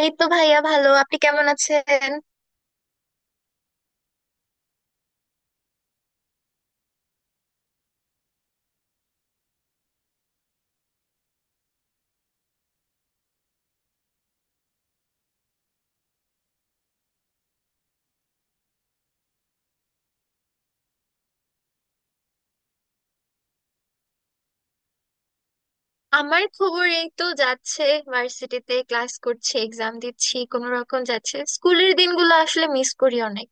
এই তো ভাইয়া ভালো। আপনি কেমন আছেন? আমার খবর এই তো যাচ্ছে। ভার্সিটিতে ক্লাস করছি, এক্সাম দিচ্ছি, কোনো রকম যাচ্ছে। স্কুলের দিনগুলো আসলে মিস করি অনেক।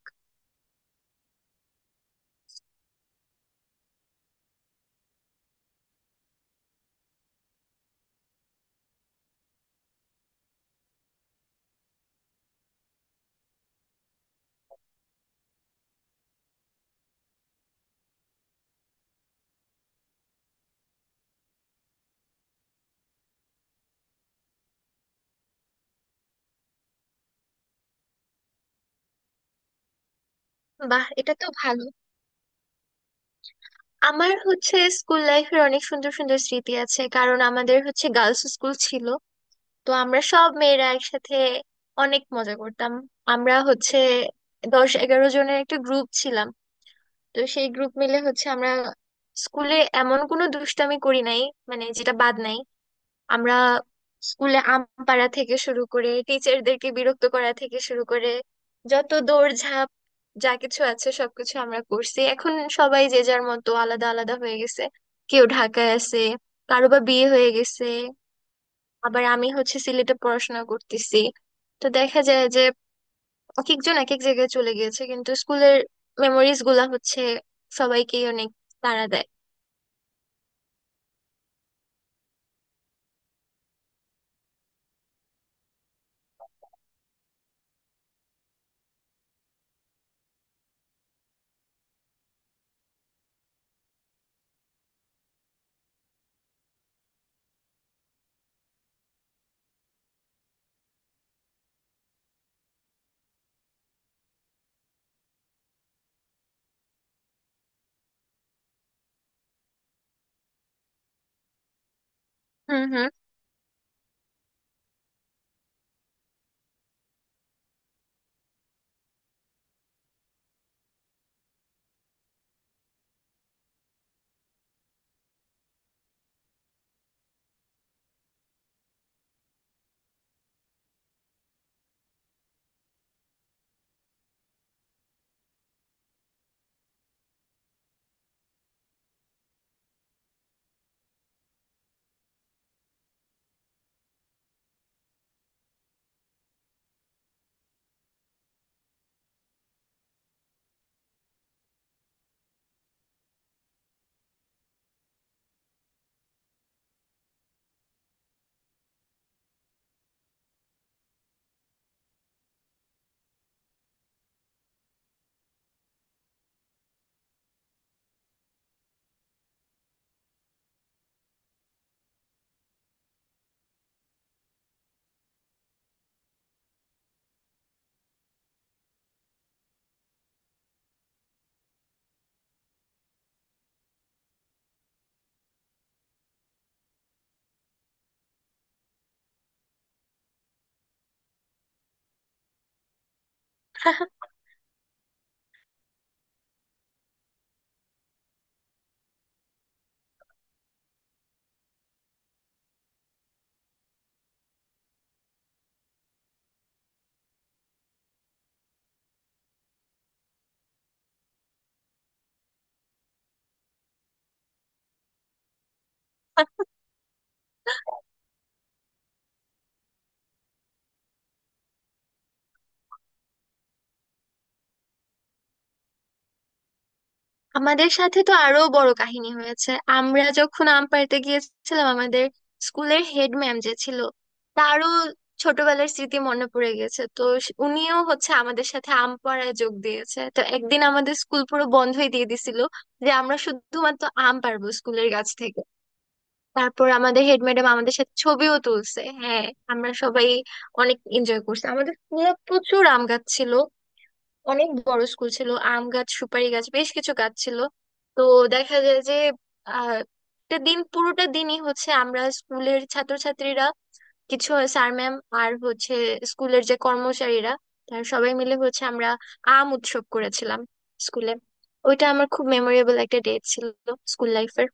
বাহ, এটা তো ভালো। আমার হচ্ছে স্কুল লাইফের অনেক সুন্দর সুন্দর স্মৃতি আছে, কারণ আমাদের হচ্ছে গার্লস স্কুল ছিল। তো আমরা সব মেয়েরা একসাথে অনেক মজা করতাম। আমরা হচ্ছে 10-11 জনের একটা গ্রুপ ছিলাম। তো সেই গ্রুপ মিলে হচ্ছে আমরা স্কুলে এমন কোনো দুষ্টামি করি নাই, মানে যেটা বাদ নাই। আমরা স্কুলে আম পাড়া থেকে শুরু করে টিচারদেরকে বিরক্ত করা থেকে শুরু করে, যত দৌড়ঝাঁপ, যা কিছু আছে সবকিছু আমরা করছি। এখন সবাই যে যার মতো আলাদা আলাদা হয়ে গেছে। কেউ ঢাকায় আছে, কারো বা বিয়ে হয়ে গেছে, আবার আমি হচ্ছে সিলেটে পড়াশোনা করতেছি। তো দেখা যায় যে এক একজন এক এক জায়গায় চলে গিয়েছে, কিন্তু স্কুলের মেমোরিজ গুলা হচ্ছে সবাইকেই অনেক তাড়া দেয়। হুম, হুম। আমাদের সাথে তো আরো বড় কাহিনী হয়েছে। আমরা যখন আম্পায়ারতে গিয়েছিলাম, আমাদের স্কুলের হেড ম্যাম যে ছিল, তারও ছোটবেলার স্মৃতি মনে পড়ে গেছে। তো উনিও হচ্ছে আমাদের সাথে আম্পায়ারে যোগ দিয়েছে। তো একদিন আমাদের স্কুল পুরো বন্ধই দিয়ে দিছিল, যে আমরা শুধুমাত্র আম পারবো স্কুলের গাছ থেকে। তারপর আমাদের হেড ম্যাডাম আমাদের সাথে ছবিও তুলছে। হ্যাঁ, আমরা সবাই অনেক এনজয় করছি। আমাদের স্কুলে প্রচুর আম গাছ ছিল, অনেক বড় স্কুল ছিল, আম গাছ সুপারি গাছ বেশ কিছু গাছ ছিল। তো দেখা যায় যে, আহ, একটা দিন পুরোটা দিনই হচ্ছে আমরা স্কুলের ছাত্রছাত্রীরা, কিছু স্যার ম্যাম, আর হচ্ছে স্কুলের যে কর্মচারীরা, তারা সবাই মিলে হচ্ছে আমরা আম উৎসব করেছিলাম স্কুলে। ওইটা আমার খুব মেমোরেবল একটা ডে ছিল স্কুল লাইফের।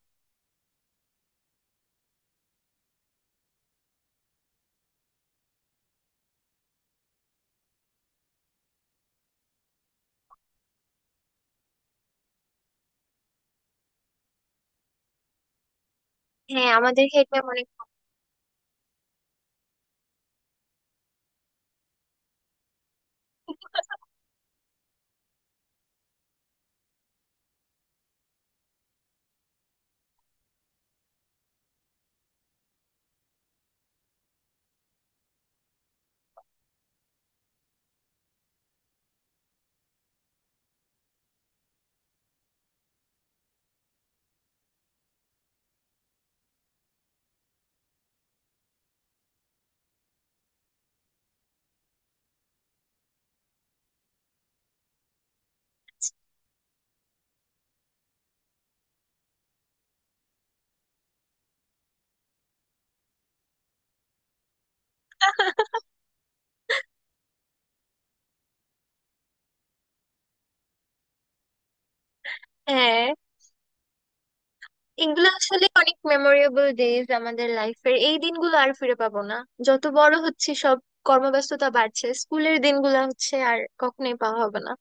হ্যাঁ, আমাদের হেড ম্যাম অনেক হ্যাঁ, এগুলো আসলে অনেক মেমোরেবল ডেজ আমাদের লাইফের। এই দিনগুলো আর ফিরে পাবো না। যত বড় হচ্ছে সব কর্মব্যস্ততা বাড়ছে, স্কুলের দিনগুলো হচ্ছে আর কখনোই পাওয়া হবে না।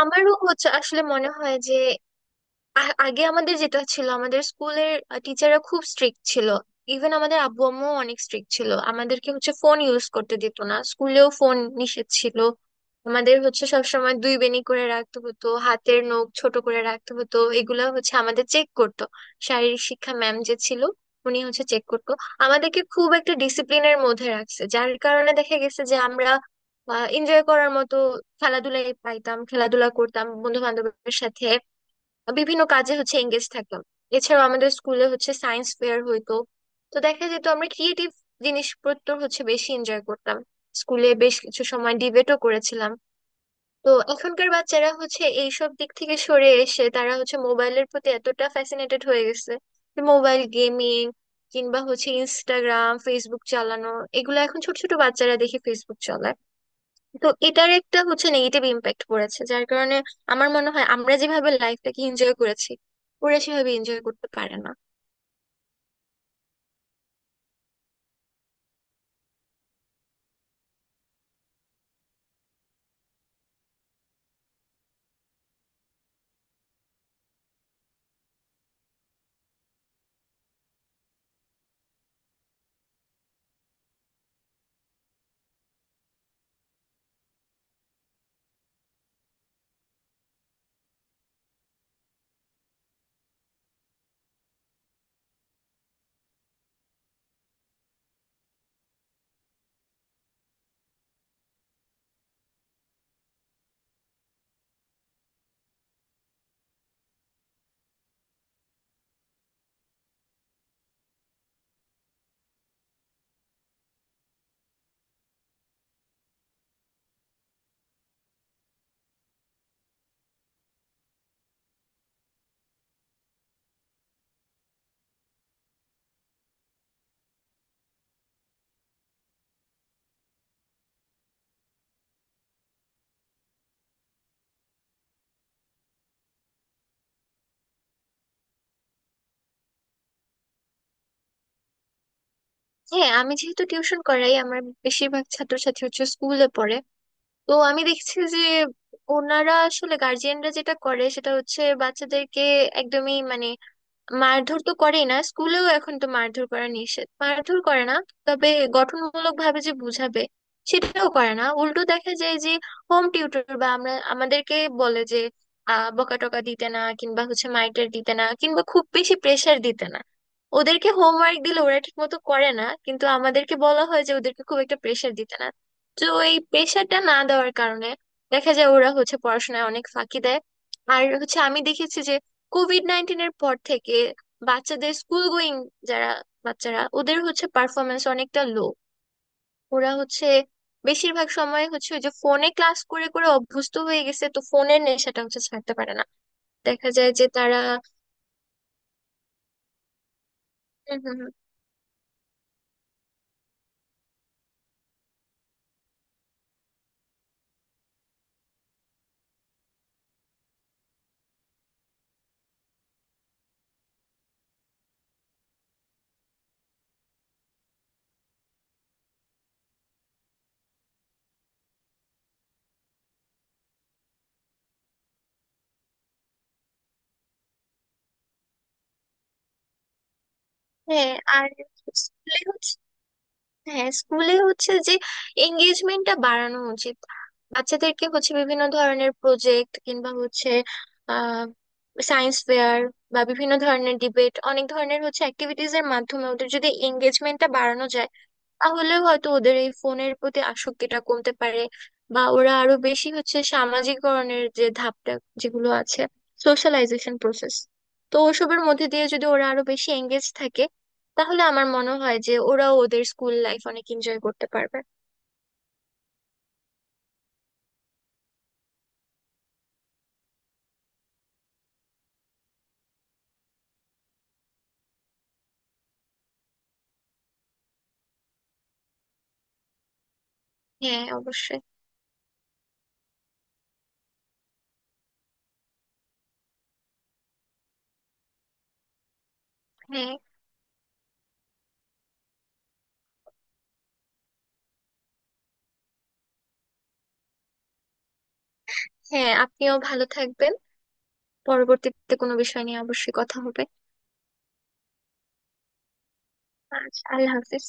আমারও হচ্ছে আসলে মনে হয় যে আগে আমাদের যেটা ছিল, আমাদের স্কুলের টিচাররা খুব স্ট্রিক্ট ছিল। ইভেন আমাদের আব্বু আম্মুও অনেক স্ট্রিক্ট ছিল, আমাদেরকে হচ্ছে ফোন ইউজ করতে দিত না, স্কুলেও ফোন নিষেধ ছিল। আমাদের হচ্ছে সবসময় দুই বেনি করে রাখতে হতো, হাতের নখ ছোট করে রাখতে হতো, এগুলা হচ্ছে আমাদের চেক করতো। শারীরিক শিক্ষা ম্যাম যে ছিল, উনি হচ্ছে চেক করতো। আমাদেরকে খুব একটা ডিসিপ্লিনের মধ্যে রাখছে, যার কারণে দেখা গেছে যে আমরা এনজয় করার মতো খেলাধুলাই পাইতাম, খেলাধুলা করতাম বন্ধু বান্ধবের সাথে, বিভিন্ন কাজে হচ্ছে এঙ্গেজ থাকতাম। এছাড়াও আমাদের স্কুলে হচ্ছে সায়েন্স ফেয়ার হইতো। তো দেখা যেত আমরা ক্রিয়েটিভ জিনিসপত্র হচ্ছে বেশি এনজয় করতাম। স্কুলে বেশ কিছু সময় ডিবেটও করেছিলাম। তো এখনকার বাচ্চারা হচ্ছে এইসব দিক থেকে সরে এসে তারা হচ্ছে মোবাইলের প্রতি এতটা ফ্যাসিনেটেড হয়ে গেছে যে মোবাইল গেমিং কিংবা হচ্ছে ইনস্টাগ্রাম ফেসবুক চালানো, এগুলো এখন ছোট ছোট বাচ্চারা দেখে ফেসবুক চালায়। তো এটার একটা হচ্ছে নেগেটিভ ইম্প্যাক্ট পড়েছে, যার কারণে আমার মনে হয় আমরা যেভাবে লাইফটাকে এনজয় করেছি, ওরা সেভাবে এনজয় করতে পারে না। হ্যাঁ, আমি যেহেতু টিউশন করাই, আমার বেশিরভাগ ছাত্রছাত্রী হচ্ছে স্কুলে পড়ে। তো আমি দেখছি যে ওনারা আসলে গার্জিয়ানরা যেটা করে সেটা হচ্ছে বাচ্চাদেরকে একদমই মানে মারধর তো করেই না, স্কুলেও এখন তো মারধর করা নিষেধ, মারধর করে না। তবে গঠনমূলক ভাবে যে বুঝাবে, সেটাও করে না। উল্টো দেখা যায় যে হোম টিউটর বা আমরা, আমাদেরকে বলে যে আহ, বকাটকা দিতে না, কিংবা হচ্ছে মাইটার দিতে না, কিংবা খুব বেশি প্রেশার দিতে না। ওদেরকে হোমওয়ার্ক দিলে ওরা ঠিক মতো করে না, কিন্তু আমাদেরকে বলা হয় যে ওদেরকে খুব একটা প্রেশার দিতে না। তো এই প্রেশারটা না দেওয়ার কারণে দেখা যায় ওরা হচ্ছে পড়াশোনায় অনেক ফাঁকি দেয়। আর হচ্ছে আমি দেখেছি যে কোভিড-19-এর পর থেকে বাচ্চাদের স্কুল গোয়িং যারা বাচ্চারা, ওদের হচ্ছে পারফরমেন্স অনেকটা লো। ওরা হচ্ছে বেশিরভাগ সময় হচ্ছে ওই যে ফোনে ক্লাস করে করে অভ্যস্ত হয়ে গেছে, তো ফোনের নেশাটা হচ্ছে ছাড়তে পারে না। দেখা যায় যে তারা হুম, হুম, হুম। হ্যাঁ। আর স্কুলে হচ্ছে, হ্যাঁ, স্কুলে হচ্ছে যে এঙ্গেজমেন্টটা বাড়ানো উচিত। বাচ্চাদেরকে হচ্ছে বিভিন্ন ধরনের প্রজেক্ট, কিংবা হচ্ছে আহ, সায়েন্স ফেয়ার বা বিভিন্ন ধরনের ডিবেট, অনেক ধরনের হচ্ছে অ্যাক্টিভিটিজ এর মাধ্যমে ওদের যদি এঙ্গেজমেন্টটা বাড়ানো যায়, তাহলে হয়তো ওদের এই ফোনের প্রতি আসক্তিটা কমতে পারে। বা ওরা আরো বেশি হচ্ছে সামাজিককরণের যে ধাপটা, যেগুলো আছে, সোশ্যালাইজেশন প্রসেস, তো ওসবের মধ্যে দিয়ে যদি ওরা আরো বেশি এঙ্গেজ থাকে, তাহলে আমার মনে হয় যে ওরাও ওদের স্কুল লাইফ অনেক এনজয় করতে পারবে। হ্যাঁ, অবশ্যই। হ্যাঁ, হ্যাঁ, আপনিও ভালো থাকবেন। পরবর্তীতে কোনো বিষয় নিয়ে অবশ্যই কথা হবে। আচ্ছা, আল্লাহ হাফিজ।